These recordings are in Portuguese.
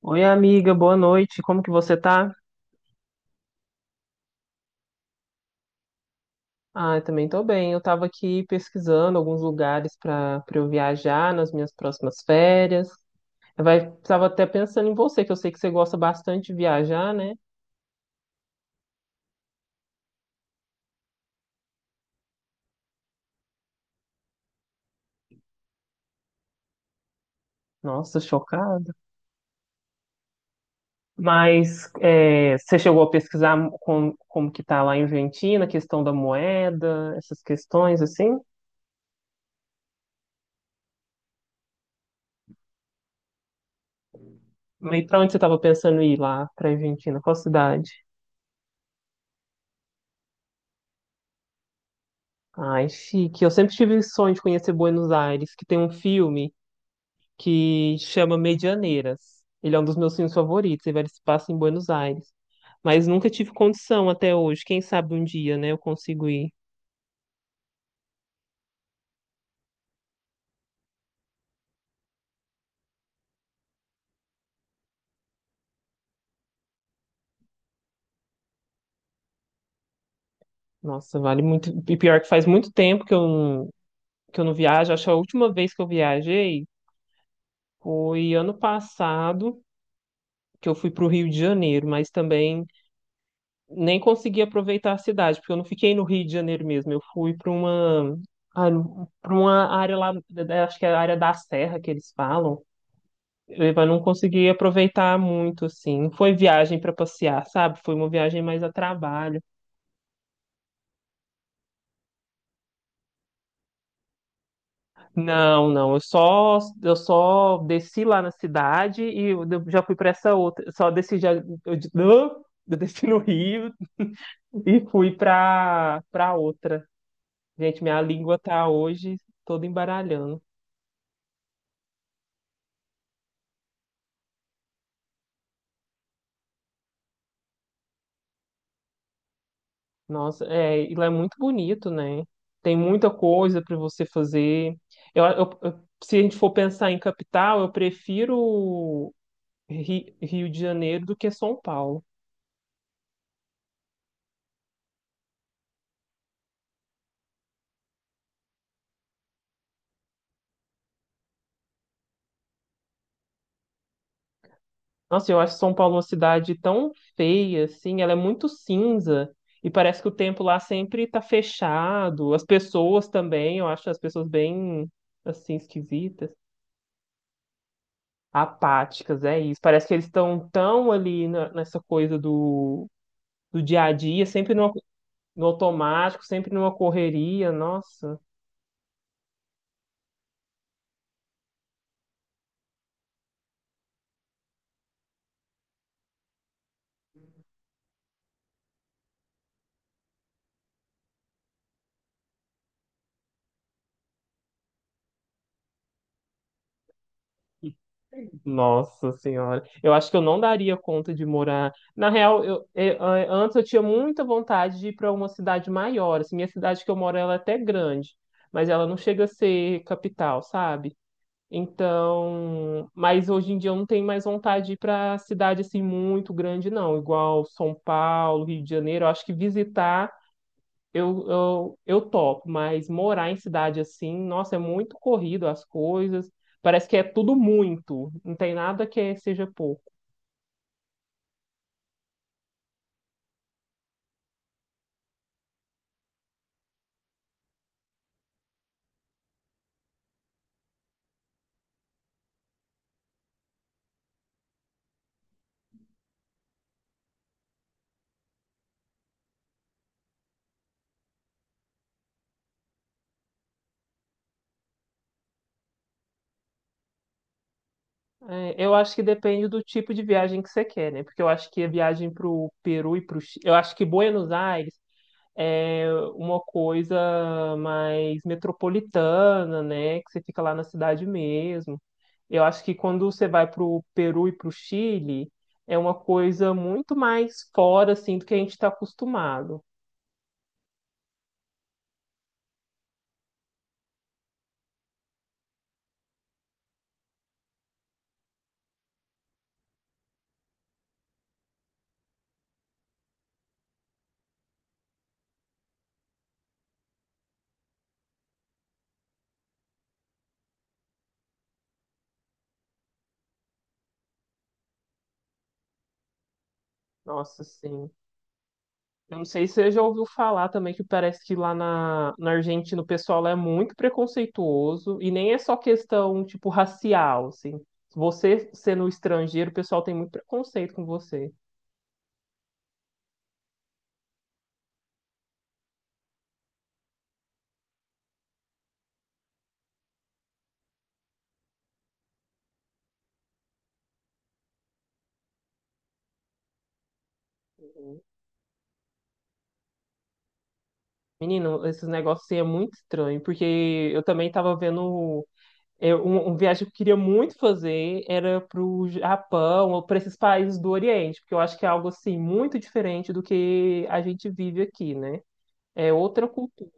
Oi, amiga, boa noite. Como que você tá? Ah, eu também tô bem. Eu tava aqui pesquisando alguns lugares para eu viajar nas minhas próximas férias. Eu vai, tava até pensando em você, que eu sei que você gosta bastante de viajar, né? Nossa, chocada. Mas é, você chegou a pesquisar como que tá lá em Argentina, a questão da moeda, essas questões assim? E para onde você tava pensando em ir lá para Argentina? Qual cidade? Ai, chique. Eu sempre tive o sonho de conhecer Buenos Aires, que tem um filme que chama Medianeiras. Ele é um dos meus filmes favoritos, ele se passa em Buenos Aires. Mas nunca tive condição até hoje. Quem sabe um dia, né, eu consigo ir. Nossa, vale muito. E pior que faz muito tempo que eu não viajo. Acho que a última vez que eu viajei foi ano passado, que eu fui para o Rio de Janeiro, mas também nem consegui aproveitar a cidade, porque eu não fiquei no Rio de Janeiro mesmo. Eu fui para uma área lá, acho que é a área da Serra que eles falam. Mas não consegui aproveitar muito, assim. Não foi viagem para passear, sabe? Foi uma viagem mais a trabalho. Não, não. Eu só desci lá na cidade e eu já fui para essa outra. Eu só desci já, eu desci no Rio e fui para outra. Gente, minha língua tá hoje toda embaralhando. Nossa, é, e lá é muito bonito, né? Tem muita coisa para você fazer. Se a gente for pensar em capital, eu prefiro Rio de Janeiro do que São Paulo. Nossa, eu acho São Paulo uma cidade tão feia, assim, ela é muito cinza e parece que o tempo lá sempre tá fechado. As pessoas também, eu acho as pessoas bem, assim, esquisitas, apáticas, é isso. Parece que eles estão tão ali nessa coisa do dia a dia, sempre no, no automático, sempre numa correria, nossa. Nossa senhora, eu acho que eu não daria conta de morar. Na real, antes eu tinha muita vontade de ir para uma cidade maior. Assim, minha cidade que eu moro, ela é até grande, mas ela não chega a ser capital, sabe? Então, mas hoje em dia eu não tenho mais vontade de ir para cidade assim muito grande, não. Igual São Paulo, Rio de Janeiro. Eu acho que visitar eu topo, mas morar em cidade assim, nossa, é muito corrido as coisas. Parece que é tudo muito, não tem nada que seja pouco. É, eu acho que depende do tipo de viagem que você quer, né? Porque eu acho que a viagem pro Peru e pro Chile, eu acho que Buenos Aires é uma coisa mais metropolitana, né? Que você fica lá na cidade mesmo. Eu acho que quando você vai para o Peru e para o Chile, é uma coisa muito mais fora, assim, do que a gente está acostumado. Nossa, sim. Eu não sei se você já ouviu falar também que parece que lá na Argentina o pessoal lá é muito preconceituoso e nem é só questão, tipo, racial, assim. Você sendo estrangeiro, o pessoal tem muito preconceito com você. Menino, esses negócios aí é muito estranho, porque eu também tava vendo um viagem que eu queria muito fazer era pro Japão ou para esses países do Oriente, porque eu acho que é algo assim muito diferente do que a gente vive aqui, né? É outra cultura.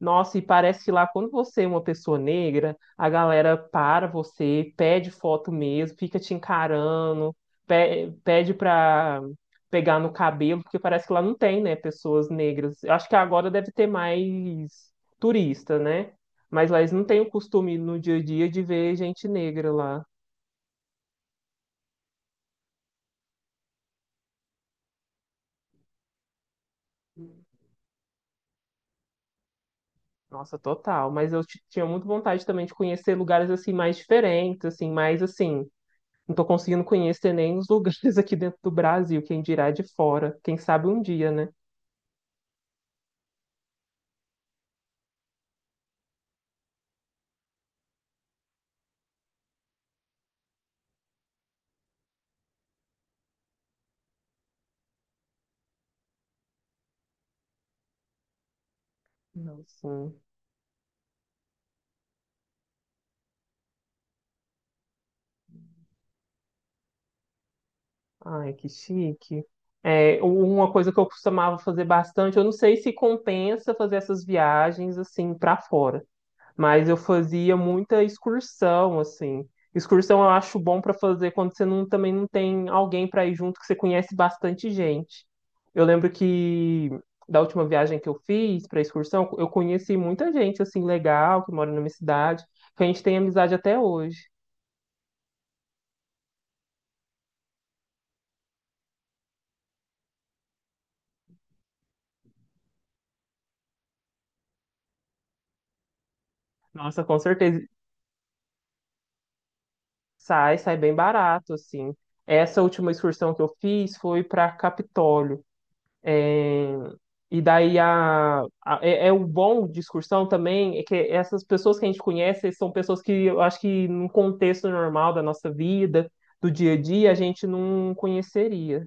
Nossa, e parece que lá quando você é uma pessoa negra, a galera para você, pede foto mesmo, fica te encarando, pede pra pegar no cabelo, porque parece que lá não tem, né, pessoas negras. Eu acho que agora deve ter mais turista, né? Mas lá eles não têm o costume no dia a dia de ver gente negra lá. Nossa, total. Mas eu tinha muito vontade também de conhecer lugares assim mais diferentes, assim, mais assim. Não tô conseguindo conhecer nem os lugares aqui dentro do Brasil, quem dirá de fora. Quem sabe um dia, né? Não, sim. Ai, que chique. É, uma coisa que eu costumava fazer bastante, eu não sei se compensa fazer essas viagens assim para fora. Mas eu fazia muita excursão, assim. Excursão eu acho bom para fazer quando você não, também não tem alguém para ir junto, que você conhece bastante gente. Eu lembro que da última viagem que eu fiz para excursão, eu conheci muita gente assim legal que mora na minha cidade, que a gente tem amizade até hoje. Nossa, com certeza sai, sai bem barato assim. Essa última excursão que eu fiz foi para Capitólio. E daí é, é o bom de excursão também é que essas pessoas que a gente conhece são pessoas que eu acho que num contexto normal da nossa vida, do dia a dia, a gente não conheceria.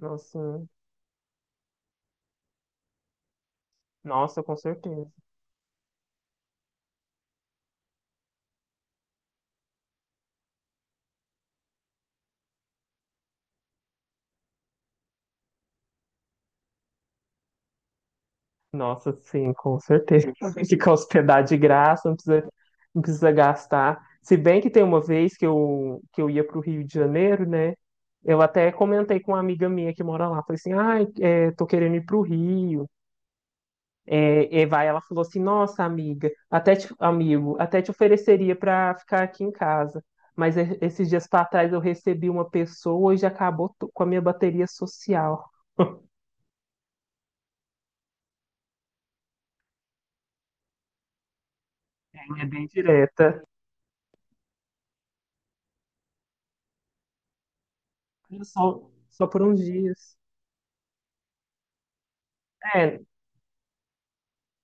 Nossa, nossa, com certeza. Nossa, sim, com certeza. Ficar hospedado de graça, não precisa gastar. Se bem que tem uma vez que eu ia para o Rio de Janeiro, né? Eu até comentei com uma amiga minha que mora lá. Falei assim, ai, ah, tô querendo ir para o Rio. É, e vai, ela falou assim: Nossa, amiga, amigo, até te ofereceria para ficar aqui em casa. Mas esses dias para trás eu recebi uma pessoa e já acabou com a minha bateria social. É bem direta. Só, só por uns dias. É,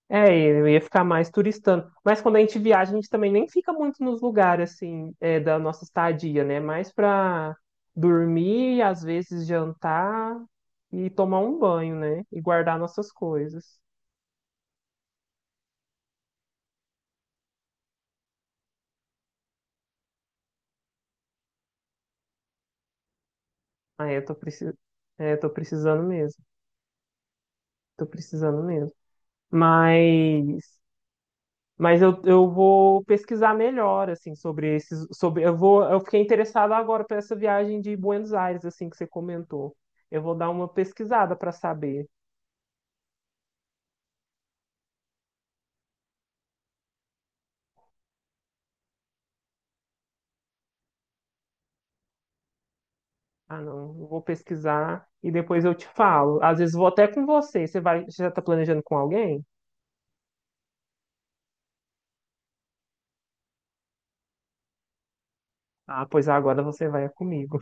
é, eu ia ficar mais turistando. Mas quando a gente viaja, a gente também nem fica muito nos lugares assim, é, da nossa estadia, né? Mais para dormir, às vezes jantar e tomar um banho, né? E guardar nossas coisas. Aí eu tô precisando mesmo. Tô precisando mesmo. Mas, mas eu vou pesquisar melhor, assim, sobre esses, sobre, eu vou, eu fiquei interessado agora para essa viagem de Buenos Aires, assim, que você comentou. Eu vou dar uma pesquisada para saber. Ah, não, eu vou pesquisar e depois eu te falo. Às vezes vou até com você. Você vai, já tá planejando com alguém? Ah, pois agora você vai comigo.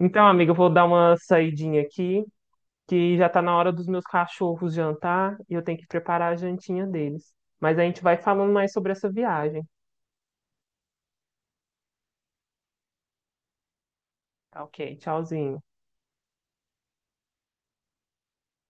Então, amiga, eu vou dar uma saidinha aqui, que já tá na hora dos meus cachorros jantar e eu tenho que preparar a jantinha deles. Mas a gente vai falando mais sobre essa viagem. Tá ok, tchauzinho.